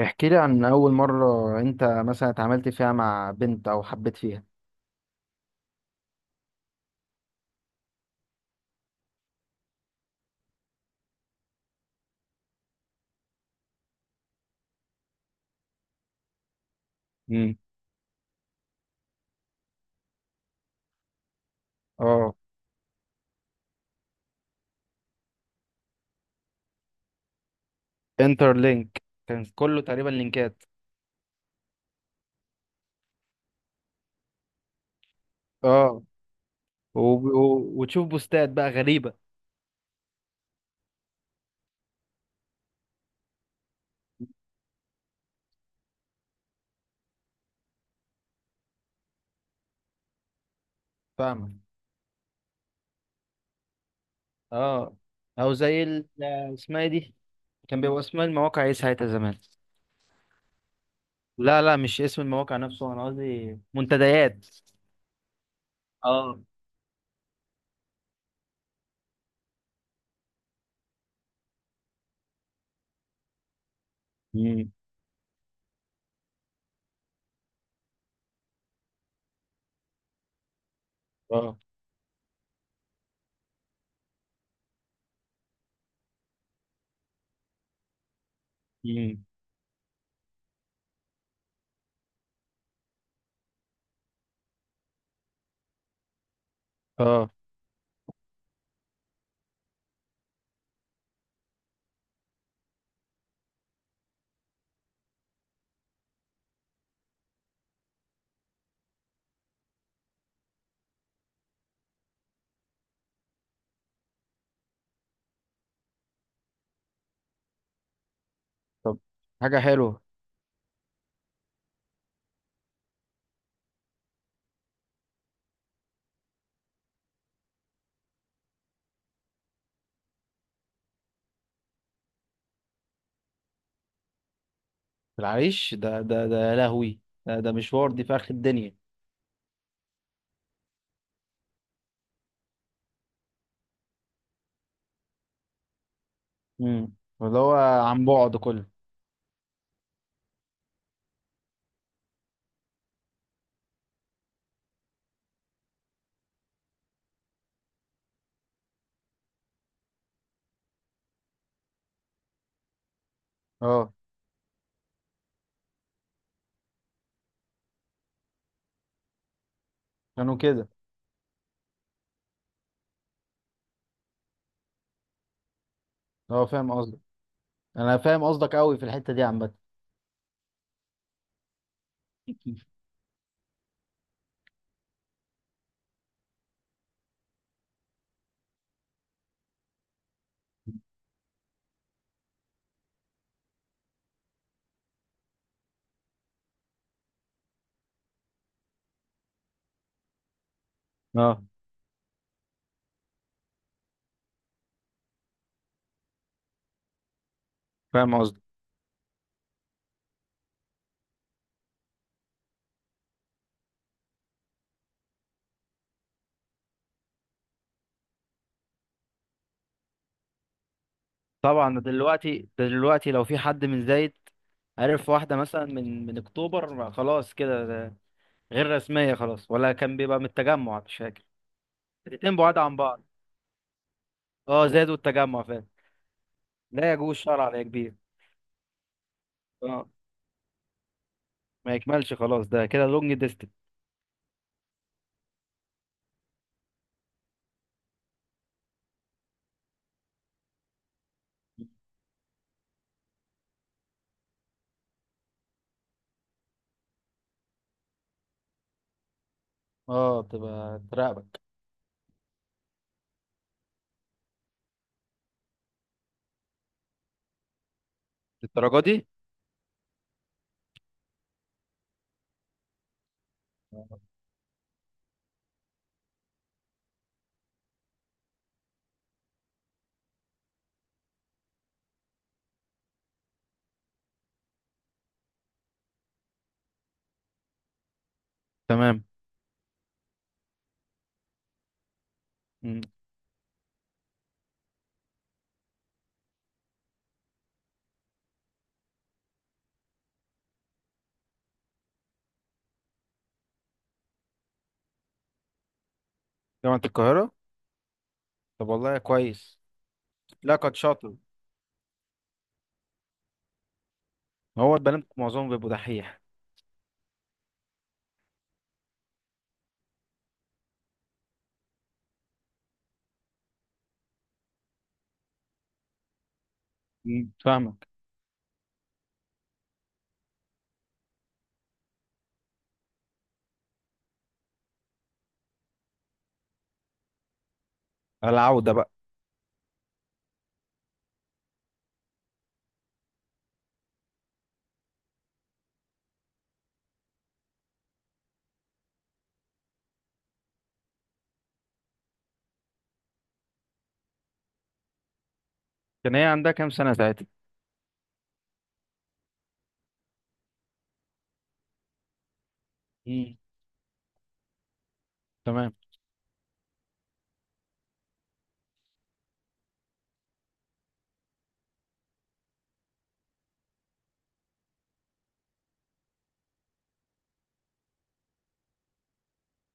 احكي لي عن أول مرة أنت مثلا اتعاملت فيها مع بنت أو حبيت فيها. امم اه، انتر لينك كان كله تقريبا لينكات. اه. وب... و... وتشوف بوستات بقى غريبة. فاهمك. اه. او زي ال... اسمها إيه دي؟ كان بيبقى اسمها المواقع ايه ساعتها زمان؟ لا لا، مش اسم المواقع نفسه، انا قصدي منتديات. اه. مم. اه. امم. اه. طب، حاجة حلوة. العريش؟ ده يا لهوي، ده مشوار، دي في آخر الدنيا. امم. اللي هو عن بعد كله. اه. كانوا كده. اه فاهم قصدك، انا فاهم قصدك قوي في الحتة دي عامة. اه فاهم قصدك. طبعا، دلوقتي لو في حد من زايد عرف واحدة مثلا من اكتوبر، ما خلاص كده ده غير رسمية خلاص، ولا كان بيبقى من التجمع مش فاكر. الاتنين بعاد عن بعض. اه، زايد والتجمع فاهم. لا يجوز شرعا يا كبير. اه، ما يكملش خلاص، ده كده لونج ديستنس. اه تبقى تراقبك؟ الدرجة دي؟ تمام. مم. جامعة القاهرة؟ طب والله كويس. لا كان شاطر. هو البنات معظمهم بيبقوا دحيح. مم، فاهمك. العودة بقى. كان هي عندها كام سنة ساعتها؟ مم. تمام.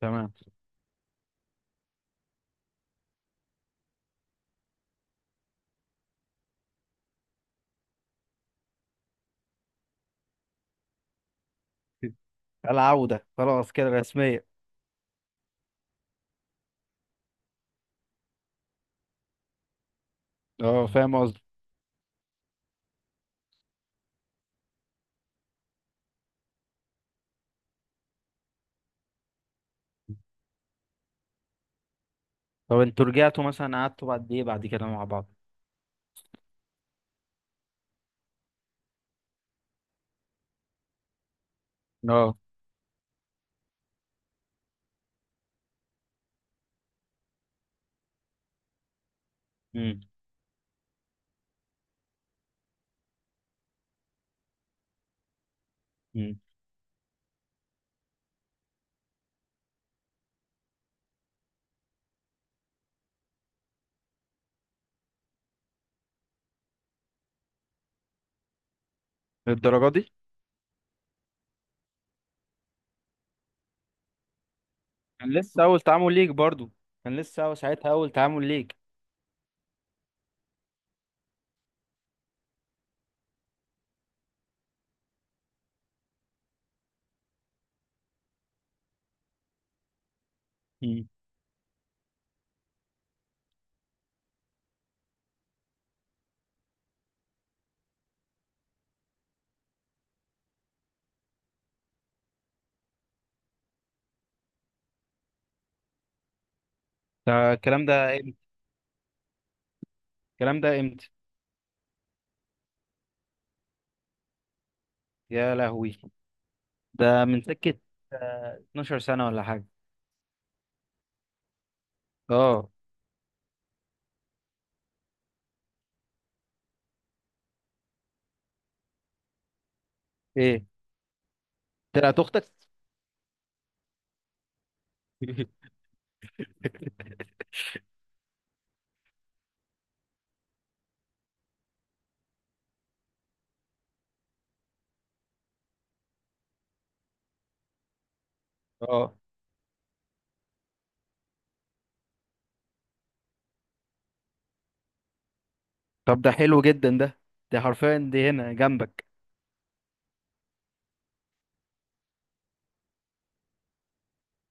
تمام. العودة خلاص كده رسمية. اه فاهم قصدي. طب انتوا رجعتوا مثلا قعدتوا بعد ايه بعد كده مع بعض؟ اه. امم. امم. للدرجة دي؟ كان لسه أول تعامل ليك برضو، كان لسه أول ساعتها أول تعامل ليك. مم. ده الكلام ده امتى؟ الكلام ده امتى؟ يا لهوي، ده من سكة، آه، 12 سنة ولا حاجة. اه. ايه؟ طلعت اختك؟ اه. طب ده حلو جدا ده، ده حرفيا دي هنا جنبك.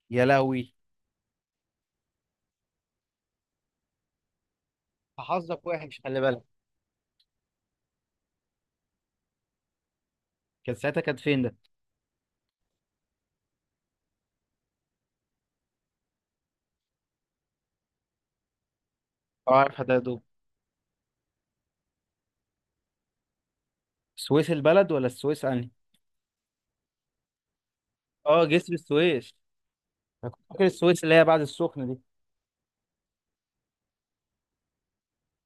يا لهوي، حظك وحش خلي بالك. كان ساعتها كانت فين ده؟ اه عارف حداده. السويس البلد ولا السويس انهي؟ اه جسر السويس، انا كنت فاكر السويس اللي هي بعد السخنة دي.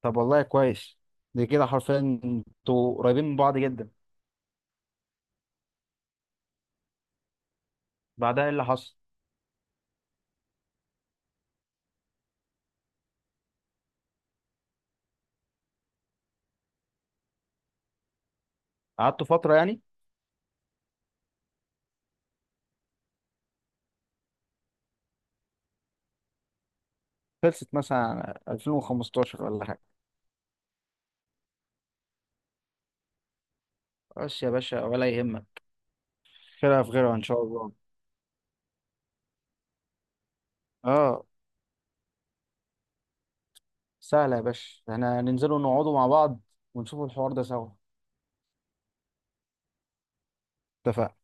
طب والله كويس. دي كده حرفيا انتوا قريبين من بعض جدا. بعدها ايه اللي حصل؟ قعدتوا فترة يعني؟ خلصت مثلا 2015 ولا حاجة؟ بس يا باشا ولا يهمك، خيرها في غيرها ان شاء الله. اه، سهلة يا باشا، احنا ننزلوا نقعدوا مع بعض ونشوفوا الحوار ده سوا. اتفقنا.